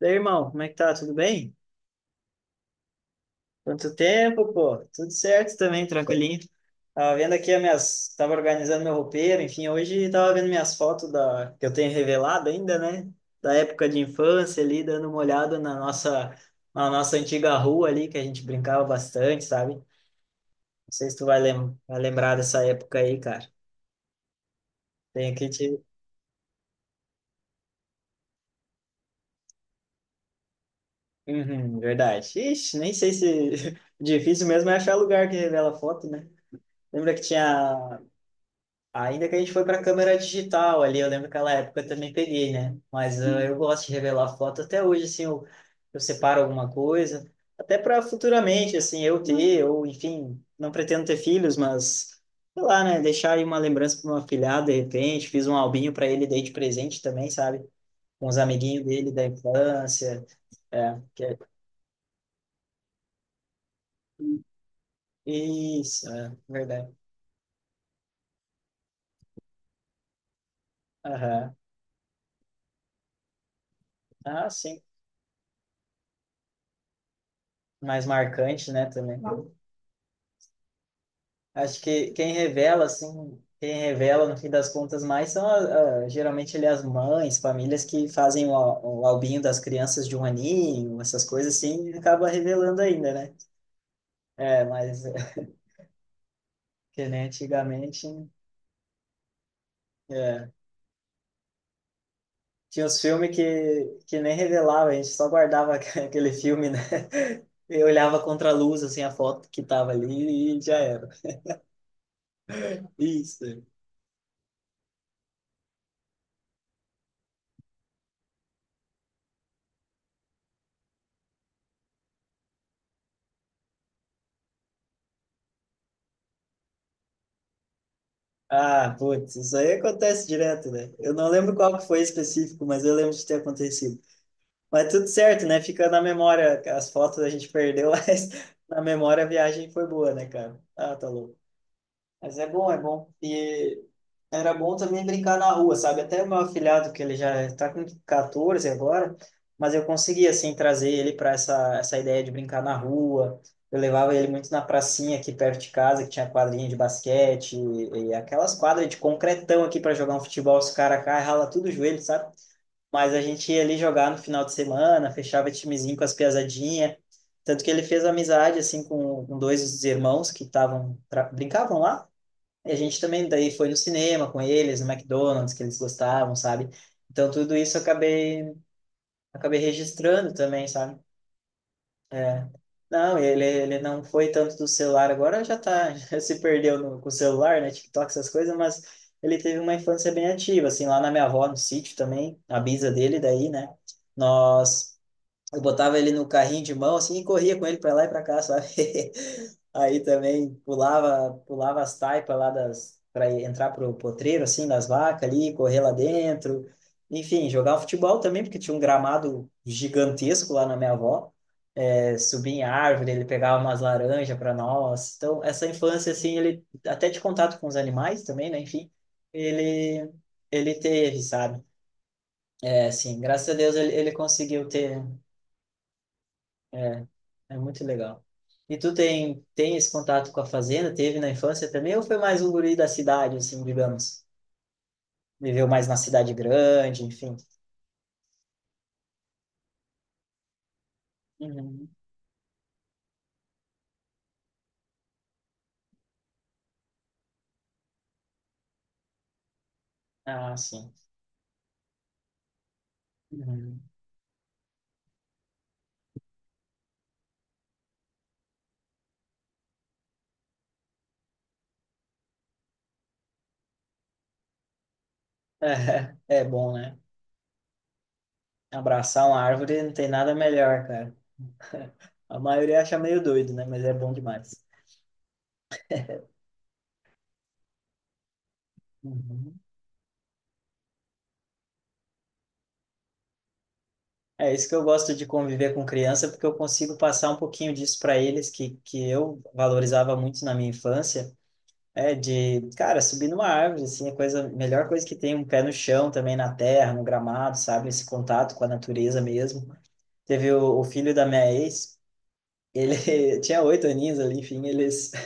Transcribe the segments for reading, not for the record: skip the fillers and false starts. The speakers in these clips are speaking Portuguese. E irmão, como é que tá? Tudo bem? Quanto tempo, pô? Tudo certo também, tranquilinho. Tava vendo aqui as minhas... Tava organizando meu roupeiro, enfim, hoje tava vendo minhas fotos da... que eu tenho revelado ainda, né? Da época de infância ali, dando uma olhada na nossa antiga rua ali, que a gente brincava bastante, sabe? Não sei se tu vai, vai lembrar dessa época aí, cara. Tem aqui te... Uhum, verdade. Ixi, nem sei se... Difícil mesmo é achar lugar que revela foto, né? Lembra que tinha ainda que a gente foi para câmera digital ali, eu lembro que aquela época eu também peguei, né? Mas eu gosto de revelar foto até hoje, assim, eu separo alguma coisa, até para futuramente, assim, eu ter, ou enfim, não pretendo ter filhos, mas sei lá, né? Deixar aí uma lembrança para uma afilhada, de repente, fiz um albinho para ele, dei de presente também, sabe? Com os amiguinhos dele da infância, é, que é isso, é verdade. Aham. Ah, sim, mais marcante, né, também. Acho que quem revela, assim, quem revela no fim das contas mais são geralmente ali as mães, famílias que fazem o, o albinho das crianças de um aninho, essas coisas assim, e acaba revelando ainda, né? É, mas que nem antigamente, é. Tinha uns filmes que nem revelava, a gente só guardava aquele filme, né? E olhava contra a luz, assim, a foto que tava ali e já era. Isso. Ah, putz, isso aí acontece direto, né? Eu não lembro qual que foi específico, mas eu lembro de ter acontecido. Mas tudo certo, né? Fica na memória, as fotos a gente perdeu, mas na memória a viagem foi boa, né, cara? Ah, tá louco. Mas é bom, é bom. E era bom também brincar na rua, sabe? Até o meu afilhado, que ele já está com 14 agora, mas eu consegui, assim, trazer ele para essa ideia de brincar na rua. Eu levava ele muito na pracinha aqui perto de casa, que tinha quadrinha de basquete e aquelas quadras de concretão aqui para jogar um futebol, os caras caem, rala tudo o joelho, sabe? Mas a gente ia ali jogar no final de semana, fechava timezinho com as piazadinhas. Tanto que ele fez amizade, assim, com dois irmãos que estavam, brincavam lá e a gente também daí foi no cinema com eles, no McDonald's, que eles gostavam, sabe? Então tudo isso eu acabei, acabei registrando também, sabe? Não, ele não foi tanto do celular, agora já tá, já se perdeu no, com o celular, né? TikTok, essas coisas, mas ele teve uma infância bem ativa, assim, lá na minha avó, no sítio também, a bisa dele daí, né? Nós eu botava ele no carrinho de mão assim e corria com ele para lá e para cá, sabe? Aí também pulava, pulava as taipas lá das para entrar pro potreiro assim das vacas ali, correr lá dentro. Enfim, jogar futebol também, porque tinha um gramado gigantesco lá na minha avó. É, subia em árvore, ele pegava umas laranjas para nós. Então, essa infância assim, ele até de contato com os animais também, né? Enfim, ele ele teve, sabe? É, assim, graças a Deus ele conseguiu ter é muito legal. E tu tem esse contato com a fazenda? Teve na infância também? Ou foi mais um guri da cidade, assim, digamos? Viveu mais na cidade grande, enfim. Uhum. Ah, sim. Uhum. É, é bom, né? Abraçar uma árvore não tem nada melhor, cara. A maioria acha meio doido, né? Mas é bom demais. Uhum. É isso que eu gosto de conviver com criança, porque eu consigo passar um pouquinho disso para eles que eu valorizava muito na minha infância é de, cara, subir numa árvore, assim, é a coisa, melhor coisa que tem, um pé no chão também, na terra, no gramado, sabe? Esse contato com a natureza mesmo. Teve o filho da minha ex, ele tinha oito aninhos ali, enfim, eles...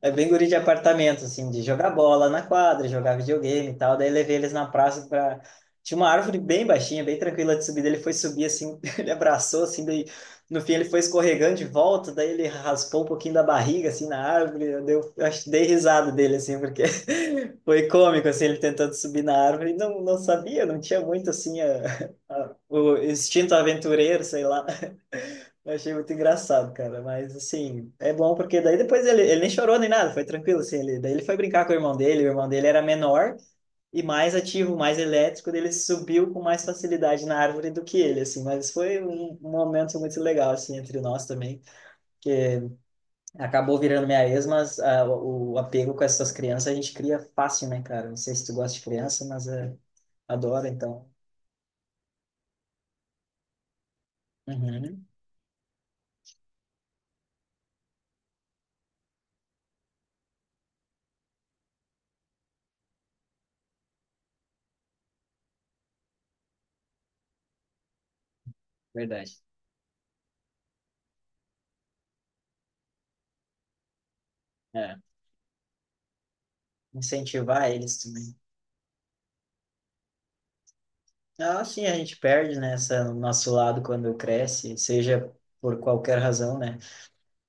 É bem guri de apartamento, assim, de jogar bola na quadra, jogar videogame e tal. Daí levei eles na praça pra... Tinha uma árvore bem baixinha, bem tranquila de subir. Daí Ele foi subir, assim, ele abraçou, assim, daí... No fim ele foi escorregando de volta, daí ele raspou um pouquinho da barriga, assim, na árvore. Eu, eu acho que dei risada dele, assim, porque foi cômico, assim, ele tentando subir na árvore. Não, não sabia, não tinha muito, assim, o instinto aventureiro, sei lá. Eu achei muito engraçado, cara. Mas, assim, é bom porque daí depois ele nem chorou nem nada, foi tranquilo, assim. Ele, daí ele foi brincar com o irmão dele era menor e mais ativo, mais elétrico, daí ele subiu com mais facilidade na árvore do que ele, assim. Mas foi um momento muito legal, assim, entre nós também. Acabou virando minha ex, mas ah, o apego com essas crianças a gente cria fácil, né, cara? Não sei se tu gosta de criança, mas é, adoro, então. Uhum, verdade. É, incentivar eles também. Ah, sim, a gente perde, né, essa, o nosso lado quando cresce, seja por qualquer razão, né? Não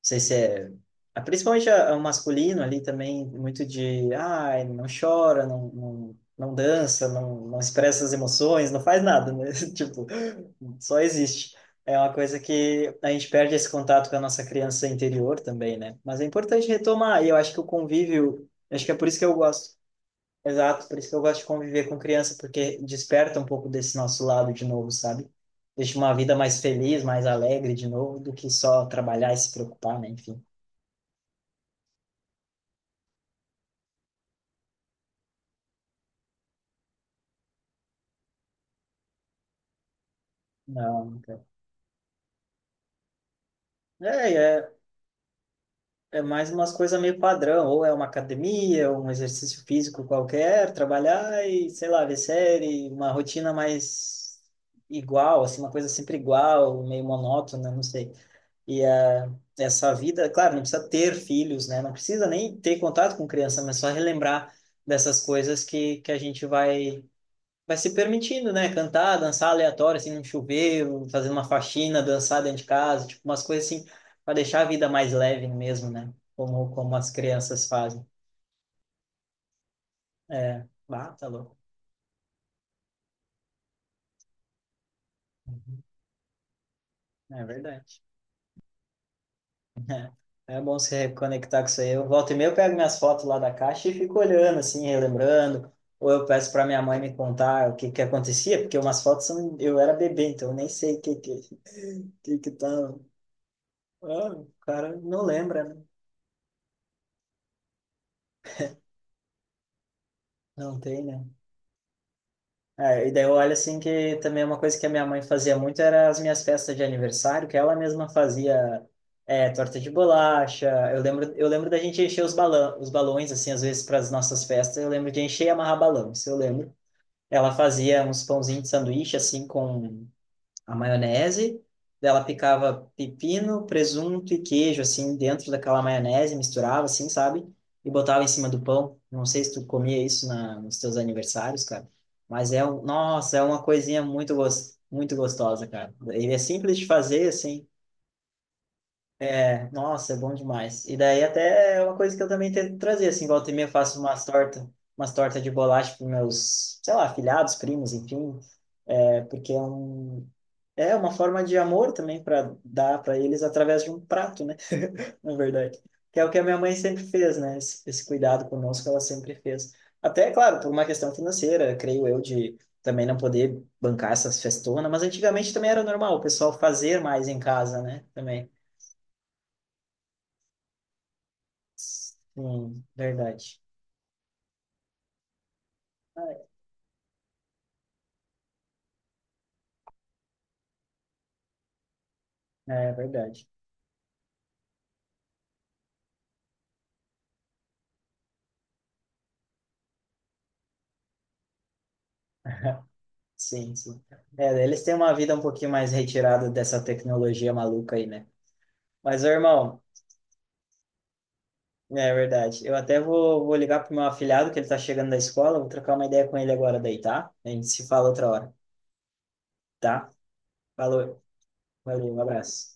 sei se é... ah, principalmente o masculino ali também, muito de... Ai, não chora, não, não, não dança, não, não expressa as emoções, não faz nada, né? Tipo, só existe. É uma coisa que a gente perde esse contato com a nossa criança interior também, né? Mas é importante retomar, e eu acho que o convívio... Acho que é por isso que eu gosto. Exato, por isso que eu gosto de conviver com criança, porque desperta um pouco desse nosso lado de novo, sabe? Deixa uma vida mais feliz, mais alegre de novo, do que só trabalhar e se preocupar, né? Enfim. Não, cara. É, é, é mais umas coisas meio padrão, ou é uma academia, ou um exercício físico qualquer, trabalhar e, sei lá, ver série, uma rotina mais igual, assim, uma coisa sempre igual, meio monótona, não sei. E a, essa vida, claro, não precisa ter filhos, né? Não precisa nem ter contato com criança, mas só relembrar dessas coisas que a gente vai se permitindo, né? Cantar, dançar aleatório, assim, num chuveiro, fazer uma faxina, dançar dentro de casa, tipo, umas coisas assim, para deixar a vida mais leve mesmo, né? Como as crianças fazem. É, bah, tá louco. É verdade. É bom se reconectar com isso aí. Eu volto e meia, eu pego minhas fotos lá da caixa e fico olhando, assim, relembrando. Ou eu peço para minha mãe me contar o que que acontecia, porque umas fotos são... eu era bebê, então eu nem sei o que que tá. Ah, o cara não lembra, né? Não tem, né? É, e daí eu olho assim que também uma coisa que a minha mãe fazia muito era as minhas festas de aniversário, que ela mesma fazia é, torta de bolacha. Eu lembro da gente encher os balões, assim, às vezes para as nossas festas. Eu lembro de encher e amarrar balão, isso eu lembro. Ela fazia uns pãozinhos de sanduíche, assim, com a maionese. Daí Ela picava pepino, presunto e queijo, assim, dentro daquela maionese, misturava, assim, sabe? E botava em cima do pão. Não sei se tu comia isso nos teus aniversários, cara. Mas é um, nossa, é uma coisinha muito, muito gostosa, cara. Ele é simples de fazer, assim, nossa, é bom demais. E daí até é uma coisa que eu também tento trazer, assim, volta e meia eu faço umas tortas de bolacha para meus, sei lá, afilhados, primos, enfim, é, porque é é uma forma de amor também para dar para eles através de um prato, né? Na verdade, que é o que a minha mãe sempre fez, né? Esse cuidado conosco ela sempre fez. Até, claro, por uma questão financeira, creio eu, de também não poder bancar essas festonas, mas antigamente também era normal o pessoal fazer mais em casa, né? Também. Sim, verdade. É, verdade. Sim, sim. É, eles têm uma vida um pouquinho mais retirada dessa tecnologia maluca aí, né? Mas, ô, irmão, é verdade. Eu até vou ligar pro meu afilhado, que ele tá chegando da escola, vou trocar uma ideia com ele agora daí, tá? A gente se fala outra hora, tá? Falou, valeu, um abraço.